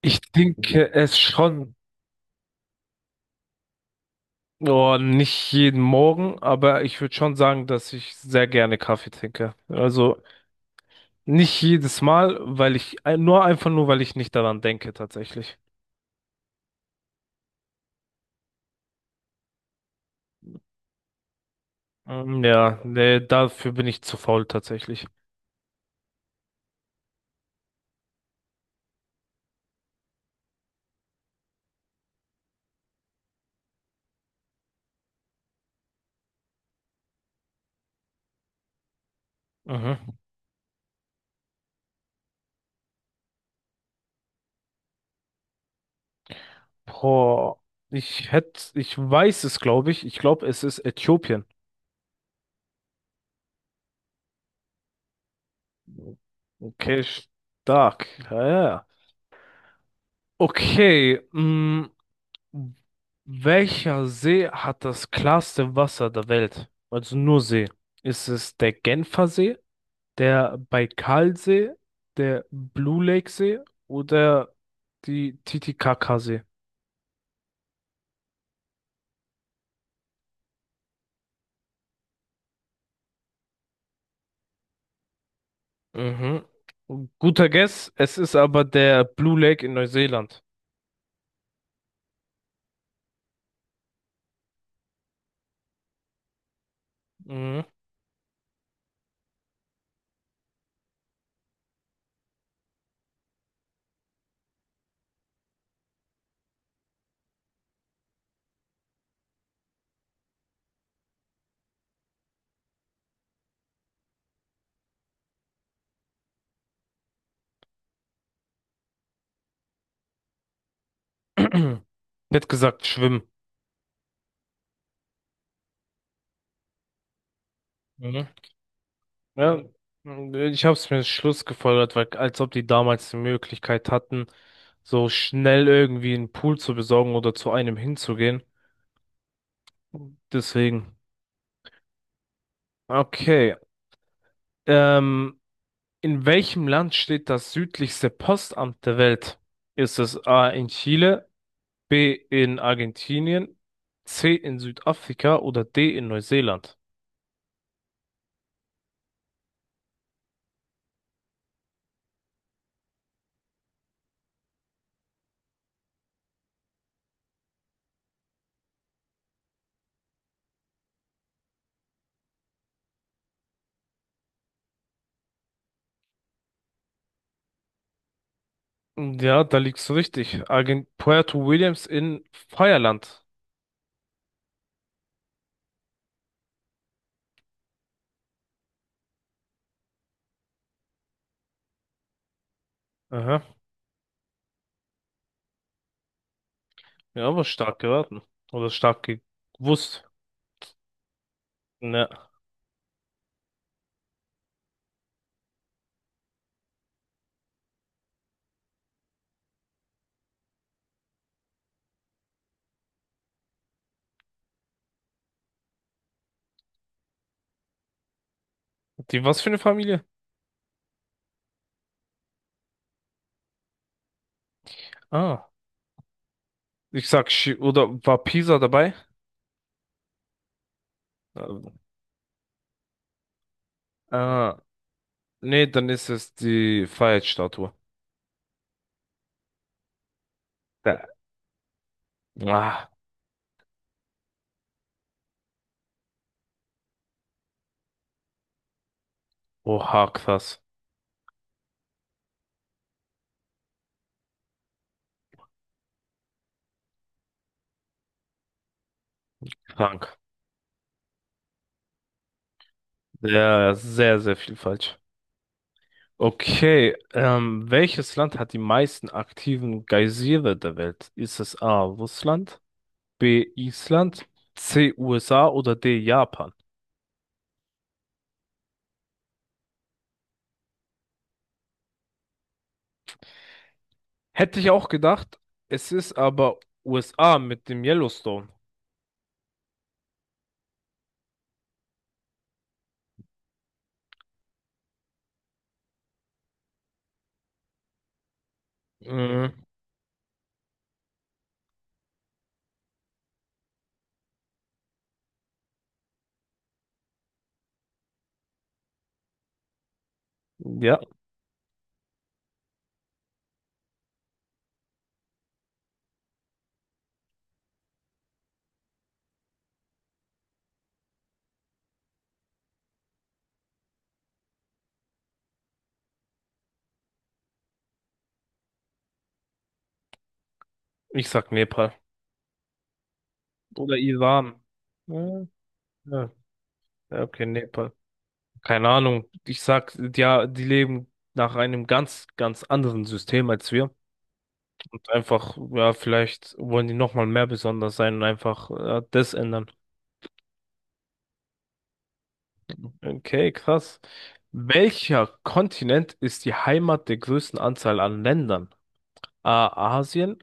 Ich denke es schon. Oh, nicht jeden Morgen, aber ich würde schon sagen, dass ich sehr gerne Kaffee trinke. Also nicht jedes Mal, weil nur, einfach nur, weil ich nicht daran denke, tatsächlich. Ja, nee, dafür bin ich zu faul, tatsächlich. Mhm. Boah, ich weiß es, glaube ich. Ich glaube, es ist Äthiopien. Okay, stark. Ja, ja, ja. Okay, welcher See hat das klarste Wasser der Welt? Also nur See. Ist es der Genfer See, der Baikalsee, der Blue Lake See oder die Titicacasee? Mhm. Guter Guess, es ist aber der Blue Lake in Neuseeland. Mhm. Ich hätte gesagt, schwimmen. Mhm. Ja, ich habe es mir Schluss gefolgert, weil als ob die damals die Möglichkeit hatten, so schnell irgendwie einen Pool zu besorgen oder zu einem hinzugehen. Deswegen. Okay. Ähm, in welchem Land steht das südlichste Postamt der Welt? Ist es A in Chile, B in Argentinien, C in Südafrika oder D in Neuseeland? Ja, da liegst du richtig. Argent Puerto Williams in Feierland. Aha. Ja, aber stark geraten. Oder stark gewusst. Ne. Die was für eine Familie? Ah, ich sag, oder war Pisa dabei? Ähm, Ah, Nee, dann ist es die Freiheitsstatue. Da. Ah, oha, krass. Krank. Ja, ja, sehr, sehr viel falsch. Okay, welches Land hat die meisten aktiven Geysire der Welt? Ist es A, Russland, B, Island, C, USA oder D, Japan? Hätte ich auch gedacht. Es ist aber USA mit dem Yellowstone. Mhm. Ja, ich sag Nepal. Oder Iran. Mhm. Ja, ja, okay, Nepal. Keine Ahnung. Ich sag, ja, die leben nach einem ganz, ganz anderen System als wir. Und einfach, ja, vielleicht wollen die nochmal mehr besonders sein und einfach das ändern. Okay, krass. Welcher Kontinent ist die Heimat der größten Anzahl an Ländern? A, Asien,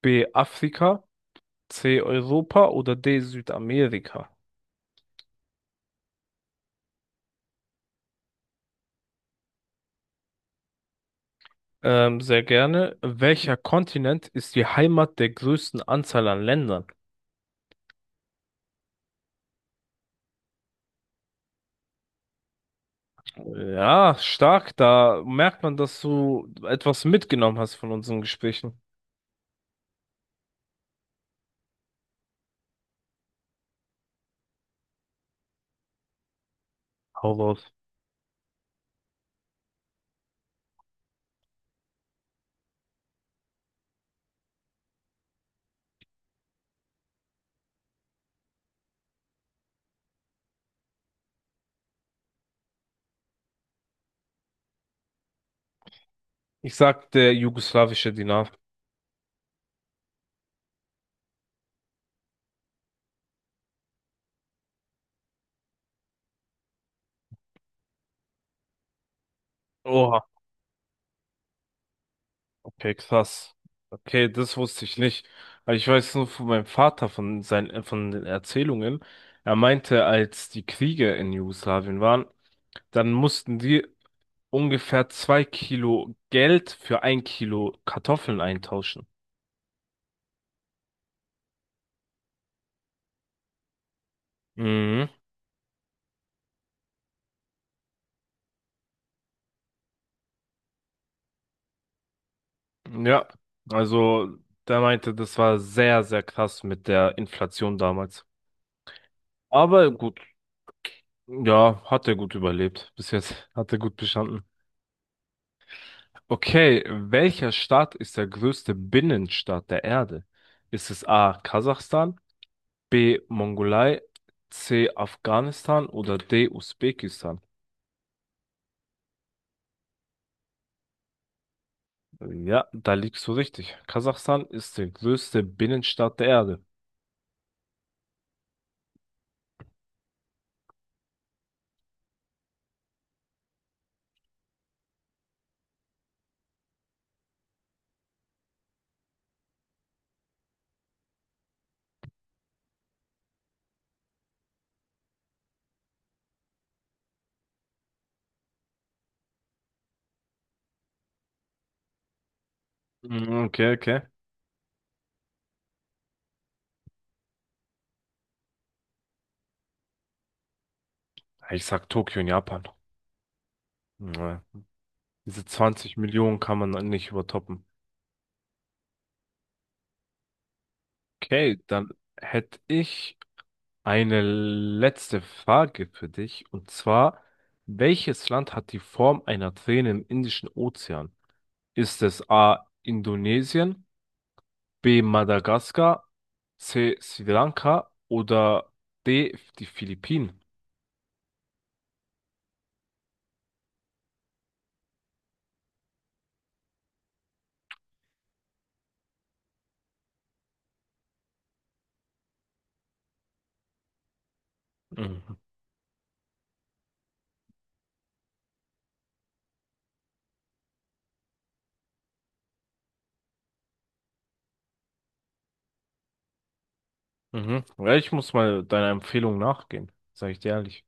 B, Afrika, C, Europa oder D, Südamerika? Sehr gerne. Welcher Kontinent ist die Heimat der größten Anzahl an Ländern? Ja, stark. Da merkt man, dass du etwas mitgenommen hast von unseren Gesprächen. Hau raus. Ich sag der jugoslawische Dinar. Oha, okay, krass. Okay, das wusste ich nicht. Aber ich weiß nur von meinem Vater, von seinen, von den Erzählungen. Er meinte, als die Kriege in Jugoslawien waren, dann mussten die ungefähr 2 Kilo Geld für 1 Kilo Kartoffeln eintauschen. Mhm. Ja, also der meinte, das war sehr, sehr krass mit der Inflation damals. Aber gut, ja, hat er gut überlebt. Bis jetzt hat er gut bestanden. Okay, welcher Staat ist der größte Binnenstaat der Erde? Ist es A, Kasachstan, B, Mongolei, C, Afghanistan oder D, Usbekistan? Ja, da liegst du richtig. Kasachstan ist die größte Binnenstadt der Erde. Mhm. Okay, okay. Ich sag Tokio in Japan. Ja. Diese 20 Millionen kann man nicht übertoppen. Okay, dann hätte ich eine letzte Frage für dich. Und zwar, welches Land hat die Form einer Träne im Indischen Ozean? Ist es A, Indonesien, B, Madagaskar, C, Sri Lanka oder D, die Philippinen? Mhm. Mhm. Ja, ich muss mal deiner Empfehlung nachgehen, sage ich dir ehrlich.